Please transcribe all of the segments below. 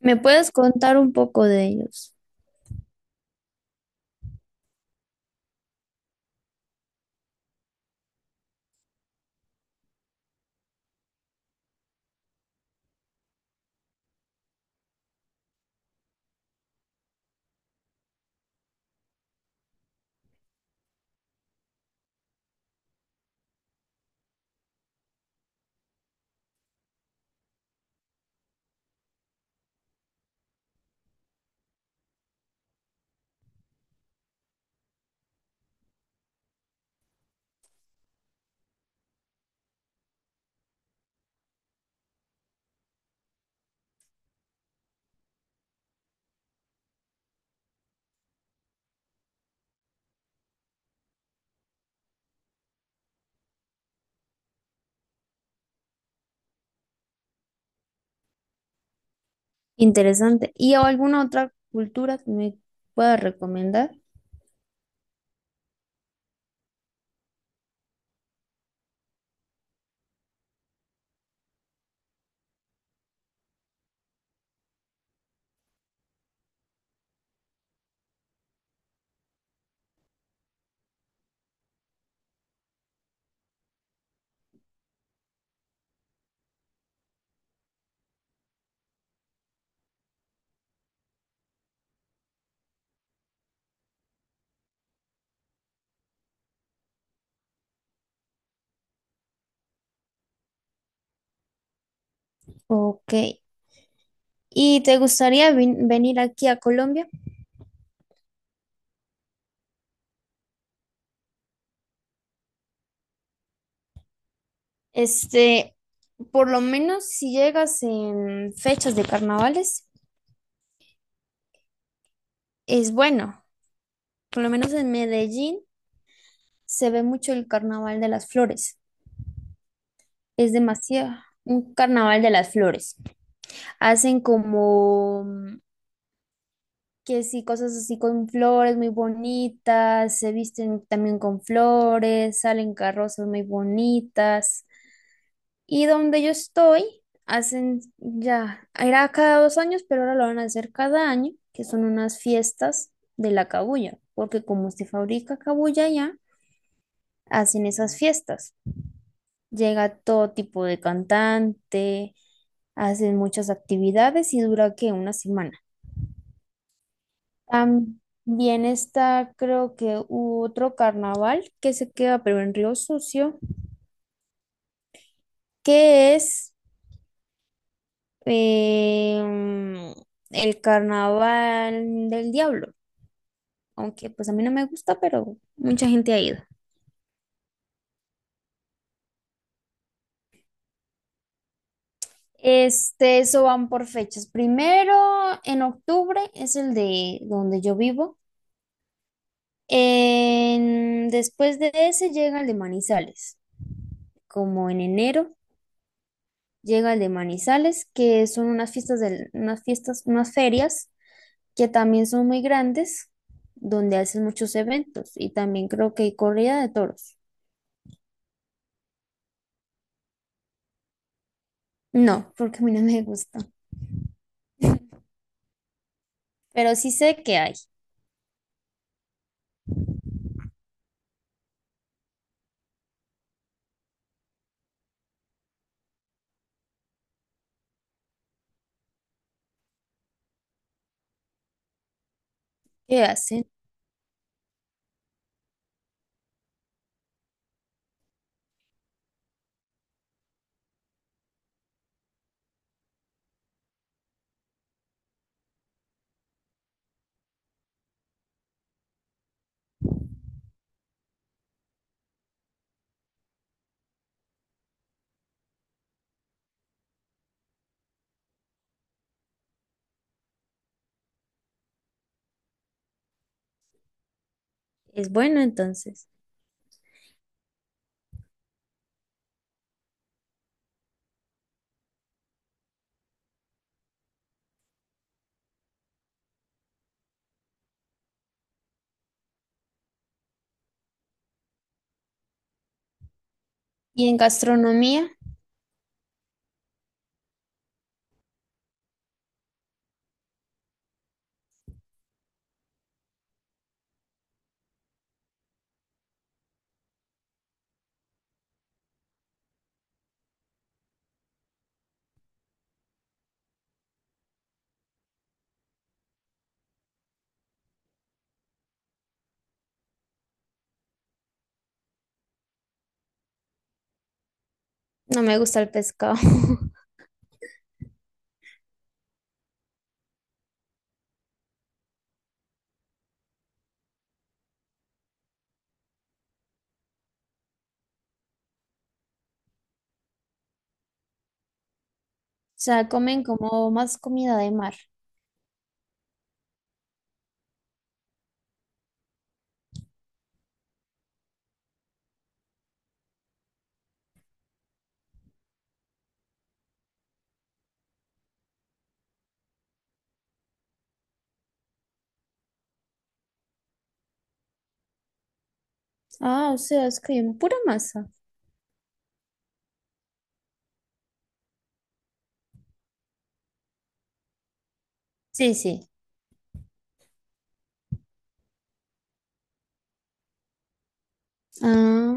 ¿Me puedes contar un poco de ellos? Interesante. ¿Y alguna otra cultura que me puedas recomendar? Ok. ¿Y te gustaría venir aquí a Colombia? Este, por lo menos si llegas en fechas de carnavales, es bueno. Por lo menos en Medellín se ve mucho el carnaval de las flores. Es demasiado. Un carnaval de las flores. Hacen como que sí, cosas así con flores muy bonitas, se visten también con flores, salen carrozas muy bonitas. Y donde yo estoy, hacen ya, era cada 2 años, pero ahora lo van a hacer cada año, que son unas fiestas de la cabuya, porque como se fabrica cabuya ya, hacen esas fiestas. Llega todo tipo de cantante, hacen muchas actividades y dura que una semana. También está, creo que otro carnaval que se queda, pero en Río Sucio, que es em, el carnaval del diablo. Aunque pues a mí no me gusta, pero mucha gente ha ido. Este, eso van por fechas. Primero, en octubre es el de donde yo vivo. Después de ese llega el de Manizales, como en enero. Llega el de Manizales, que son unas fiestas, unas ferias que también son muy grandes, donde hacen muchos eventos y también creo que hay corrida de toros. No, porque a mí no me gusta, pero sí sé que hay, que hacen, es bueno entonces. Y en gastronomía, no me gusta el pescado, o sea, comen como más comida de mar. Ah, o sea, es que pura masa. Sí, sí. Ah,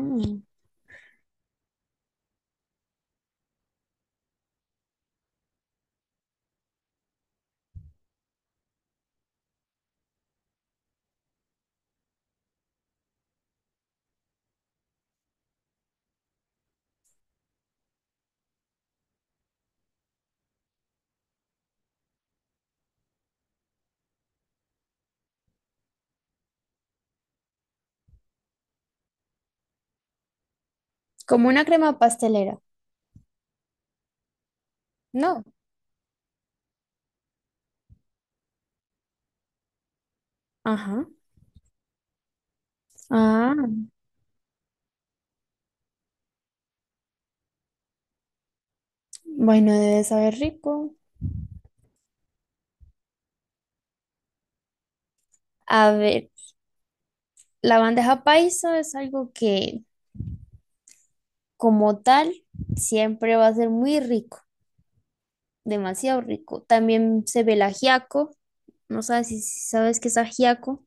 como una crema pastelera. No. Ajá. Ah. Bueno, debe saber rico. A ver, la bandeja paisa es algo que como tal siempre va a ser muy rico, demasiado rico. También se ve el ajiaco, no sabes si sabes qué es ajiaco.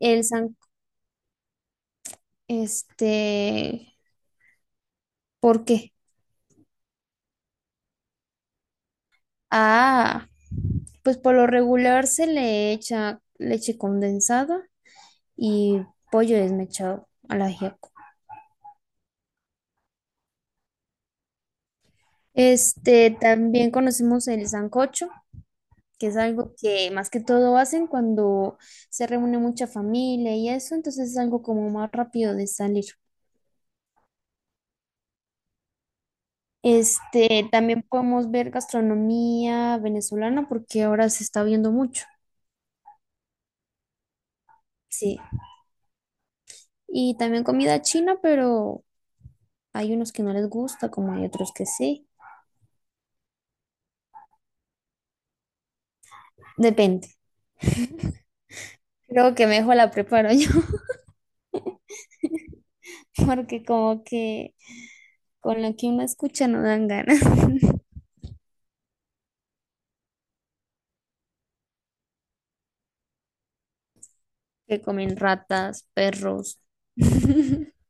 El san, este, ¿por qué? Ah, pues por lo regular se le echa leche condensada y pollo desmechado al ajiaco. Este, también conocemos el sancocho, que es algo que más que todo hacen cuando se reúne mucha familia y eso, entonces es algo como más rápido de salir. Este, también podemos ver gastronomía venezolana porque ahora se está viendo mucho, sí. Y también comida china, pero hay unos que no les gusta, como hay otros que sí. Depende. Creo que mejor la preparo yo porque como que con lo que uno escucha no dan ganas. Que comen ratas, perros.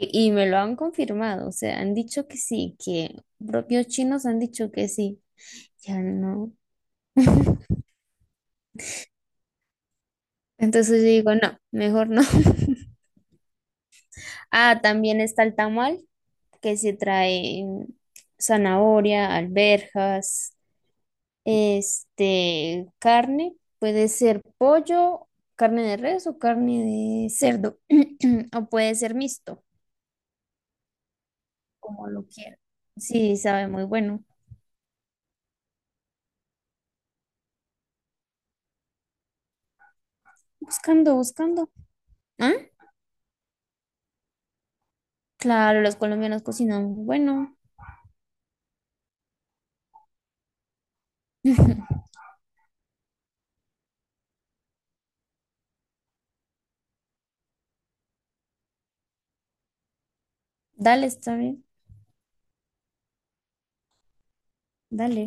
Y, y me lo han confirmado, o sea, han dicho que sí, que propios chinos han dicho que sí, ya no. Entonces yo digo, no, mejor no. Ah, también está el tamal, que se trae zanahoria, alberjas, este, carne, puede ser pollo, carne de res o carne de cerdo, o puede ser mixto, como lo quiera. Sí, sabe muy bueno. Buscando, buscando. ¿Ah? Claro, los colombianos cocinan muy bueno, dale, está bien. Dale.